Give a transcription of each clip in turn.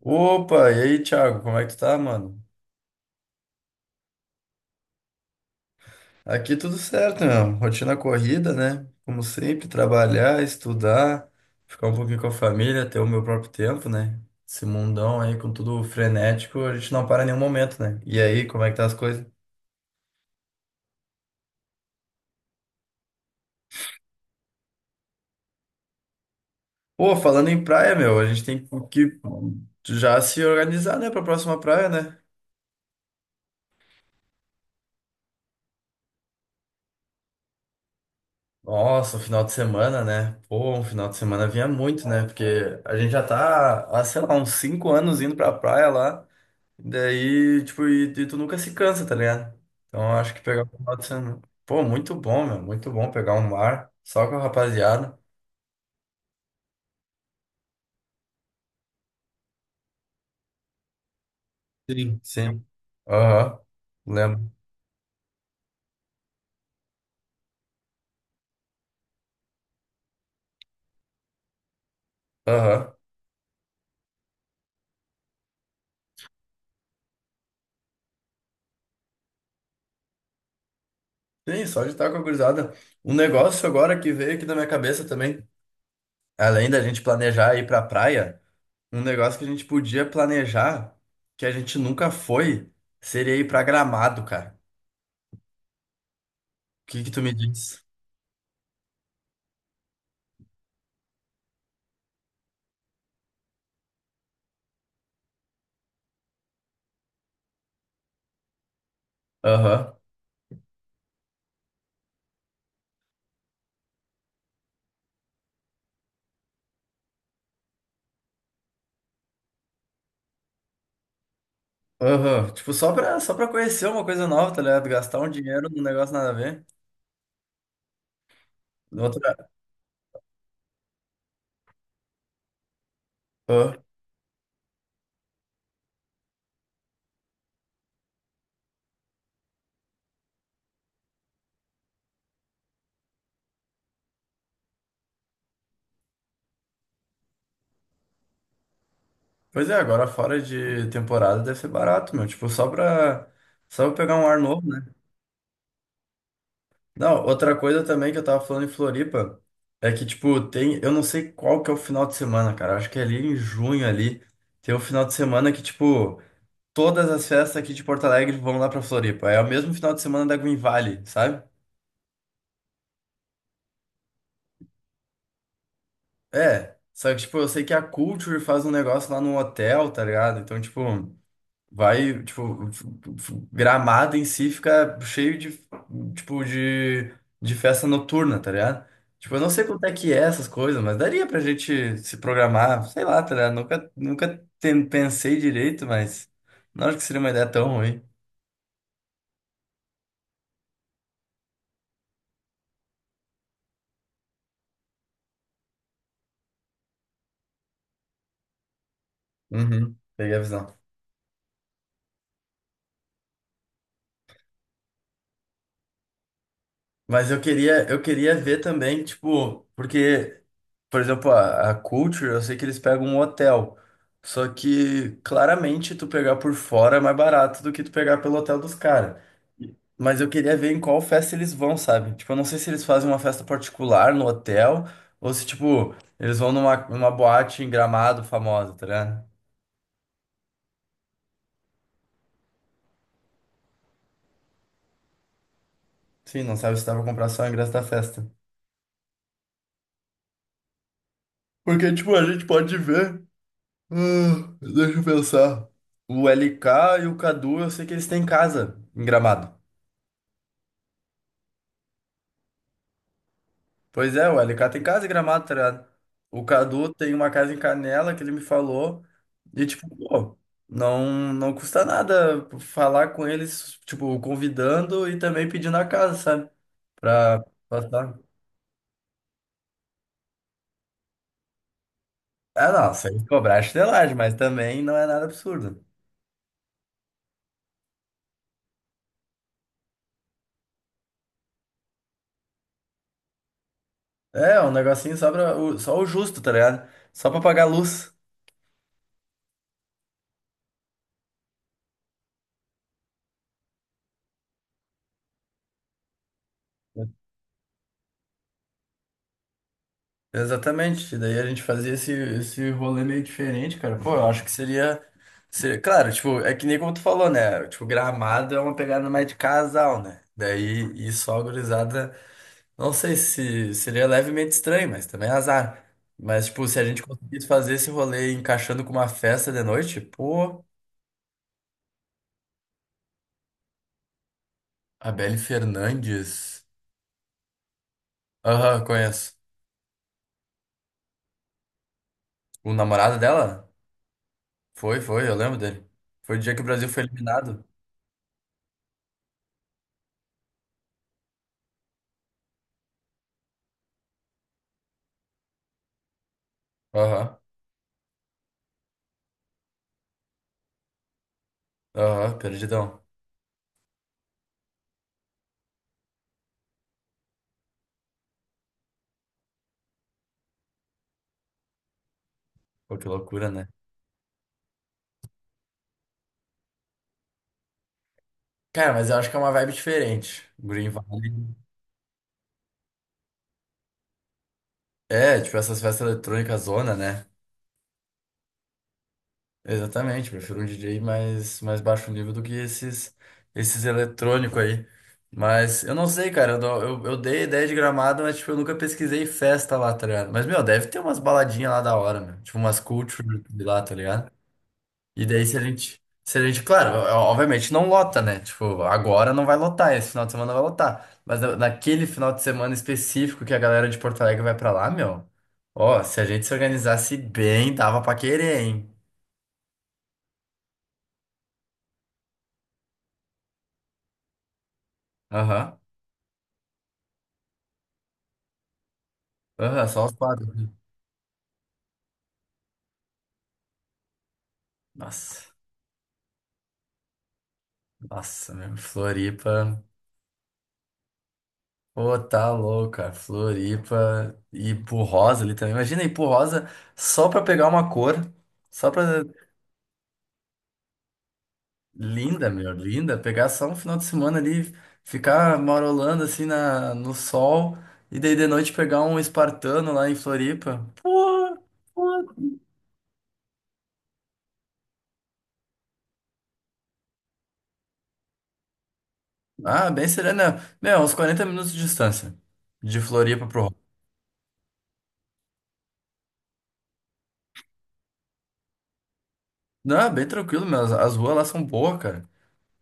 Opa, e aí, Thiago, como é que tu tá, mano? Aqui tudo certo, meu. Rotina corrida, né? Como sempre, trabalhar, estudar, ficar um pouquinho com a família, ter o meu próprio tempo, né? Esse mundão aí com tudo frenético, a gente não para em nenhum momento, né? E aí, como é que tá as coisas? Pô, falando em praia, meu, a gente tem que já se organizar, né, pra próxima praia, né? Nossa, o final de semana, né? Pô, um final de semana vinha muito, né? Porque a gente já tá, há, sei lá, uns cinco anos indo pra praia lá. Daí, tipo, e tu nunca se cansa, tá ligado? Então eu acho que pegar um final de semana. Pô, muito bom, meu. Muito bom pegar um mar só com a rapaziada. Sim. Sim. Aham. Lembro. Aham. Sim, só de estar com a gurizada. Um negócio agora que veio aqui na minha cabeça também, além da gente planejar ir pra praia, um negócio que a gente podia planejar, que a gente nunca foi, seria ir pra Gramado, cara. O que que tu me diz? Aham. Aham, tipo, só pra conhecer uma coisa nova, tá ligado? Gastar um dinheiro num negócio nada a ver. Outra... Aham. Pois é, agora fora de temporada deve ser barato, meu. Tipo, só pra pegar um ar novo, né? Não, outra coisa também que eu tava falando em Floripa é que, tipo, tem. Eu não sei qual que é o final de semana, cara. Acho que é ali em junho ali. Tem um final de semana que, tipo, todas as festas aqui de Porto Alegre vão lá pra Floripa. É o mesmo final de semana da Green Valley, sabe? É, só que, tipo, eu sei que a Culture faz um negócio lá no hotel, tá ligado? Então, tipo, vai, tipo, Gramado em si fica cheio de, tipo, de festa noturna, tá ligado? Tipo, eu não sei quanto é que é essas coisas, mas daria pra gente se programar, sei lá, tá ligado? Nunca, nunca ten- Pensei direito, mas não acho que seria uma ideia tão ruim. Uhum, peguei a visão. Mas eu queria ver também, tipo, porque por exemplo, a Culture, eu sei que eles pegam um hotel. Só que claramente tu pegar por fora é mais barato do que tu pegar pelo hotel dos caras. Mas eu queria ver em qual festa eles vão, sabe? Tipo, eu não sei se eles fazem uma festa particular no hotel ou se, tipo, eles vão numa, numa boate em Gramado famosa, tá ligado? Sim, não sabe se dá pra comprar só o ingresso da festa. Porque, tipo, a gente pode ver. Ah, deixa eu pensar. O LK e o Cadu, eu sei que eles têm casa em Gramado. Pois é, o LK tem casa em Gramado, tá ligado? O Cadu tem uma casa em Canela que ele me falou. E, tipo, pô, não custa nada falar com eles, tipo, convidando e também pedindo a casa, sabe? Pra passar. Ah, não, sem cobrar a chinelagem, mas também não é nada absurdo. É, um negocinho só, pra, só o justo, tá ligado? Só pra pagar a luz. Exatamente. Daí a gente fazia esse rolê meio diferente, cara. Pô, eu acho que seria, seria. Claro, tipo, é que nem como tu falou, né? Tipo, Gramado é uma pegada mais de casal, né? Daí, e só a gurizada. Não sei se seria levemente estranho, mas também é azar. Mas, tipo, se a gente conseguisse fazer esse rolê encaixando com uma festa de noite, pô, a Belle Fernandes. Aham, conheço. O namorado dela? Foi, eu lembro dele. Foi o dia que o Brasil foi eliminado. Aham, aham, perdidão. Pô, que loucura, né? Cara, mas eu acho que é uma vibe diferente. Green Valley. É, tipo essas festas eletrônicas zona, né? Exatamente, prefiro um DJ mais baixo nível do que esses eletrônicos aí. Mas eu não sei, cara, eu dei ideia de Gramado, mas tipo, eu nunca pesquisei festa lá, tá ligado? Mas, meu, deve ter umas baladinhas lá da hora, meu. Tipo, umas culture de lá, tá ligado? E daí se a gente, claro, obviamente não lota, né? Tipo, agora não vai lotar, esse final de semana vai lotar. Mas naquele final de semana específico que a galera de Porto Alegre vai pra lá, meu, ó, se a gente se organizasse bem, dava pra querer, hein? Aham, aham, só os quatro. Nossa, nossa, meu, Floripa. Pô, tá louco, cara. Floripa e Rosa ali também. Imagina ir pro Rosa só pra pegar uma cor, só pra. Linda, meu, linda. Pegar só um final de semana ali, ficar marolando assim no sol, e daí de noite pegar um espartano lá em Floripa. Ah, bem serena. Meu, uns 40 minutos de distância. De Floripa pro Rock. Não, bem tranquilo, meu. As ruas lá são boas, cara.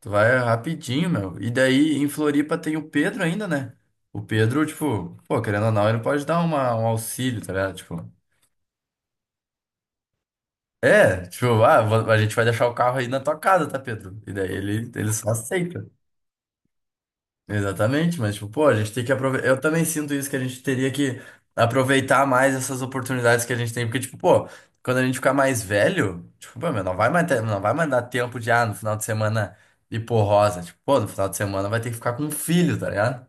Tu vai rapidinho, meu. E daí em Floripa tem o Pedro ainda, né? O Pedro, tipo, pô, querendo ou não, ele pode dar uma, um auxílio, tá ligado? Tipo. É, tipo, ah, a gente vai deixar o carro aí na tua casa, tá, Pedro? E daí ele só aceita. Exatamente, mas tipo, pô, a gente tem que aproveitar. Eu também sinto isso que a gente teria que aproveitar mais essas oportunidades que a gente tem, porque tipo, pô, quando a gente ficar mais velho, tipo, pô, meu, não vai mais dar tempo de ah, no final de semana ir por rosa, tipo, pô, no final de semana vai ter que ficar com um filho, tá ligado?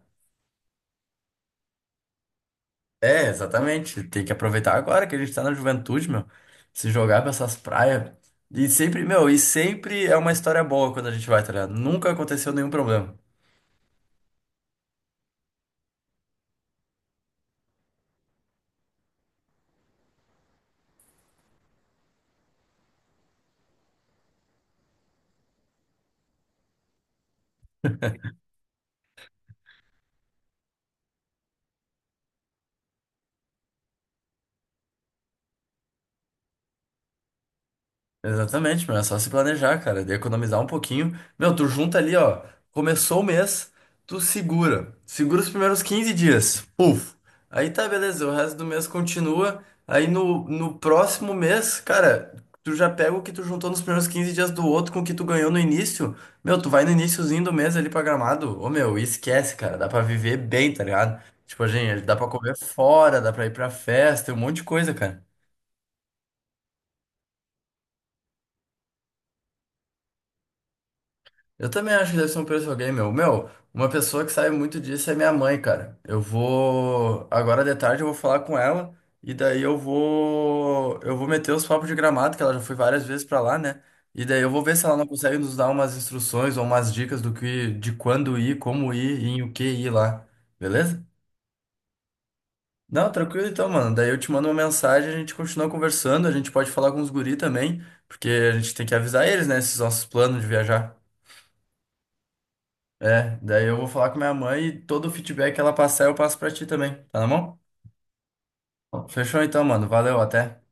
É, exatamente. Tem que aproveitar agora que a gente tá na juventude, meu. Se jogar pra essas praias. E sempre, meu, e sempre é uma história boa quando a gente vai, tá ligado? Nunca aconteceu nenhum problema. Exatamente, meu, é só se planejar, cara, de economizar um pouquinho. Meu, tu junta ali, ó, começou o mês, tu segura. Segura os primeiros 15 dias. Puf. Aí tá, beleza, o resto do mês continua. Aí no próximo mês, cara, tu já pega o que tu juntou nos primeiros 15 dias do outro com o que tu ganhou no início. Meu, tu vai no iniciozinho do mês ali pra Gramado. Ô, meu, e esquece, cara, dá pra viver bem, tá ligado? Tipo, gente, dá pra comer fora, dá pra ir pra festa, tem um monte de coisa, cara. Eu também acho que deve ser um preço de alguém, meu. Meu, uma pessoa que sabe muito disso é minha mãe, cara. Eu vou. Agora de tarde eu vou falar com ela e daí eu vou. Eu vou meter os papos de Gramado, que ela já foi várias vezes pra lá, né? E daí eu vou ver se ela não consegue nos dar umas instruções ou umas dicas do que, de quando ir, como ir e em o que ir lá. Beleza? Não, tranquilo então, mano. Daí eu te mando uma mensagem, a gente continua conversando, a gente pode falar com os guri também, porque a gente tem que avisar eles, né, esses nossos planos de viajar. É, daí eu vou falar com minha mãe e todo o feedback que ela passar eu passo pra ti também. Tá na mão? Fechou então, mano. Valeu, até.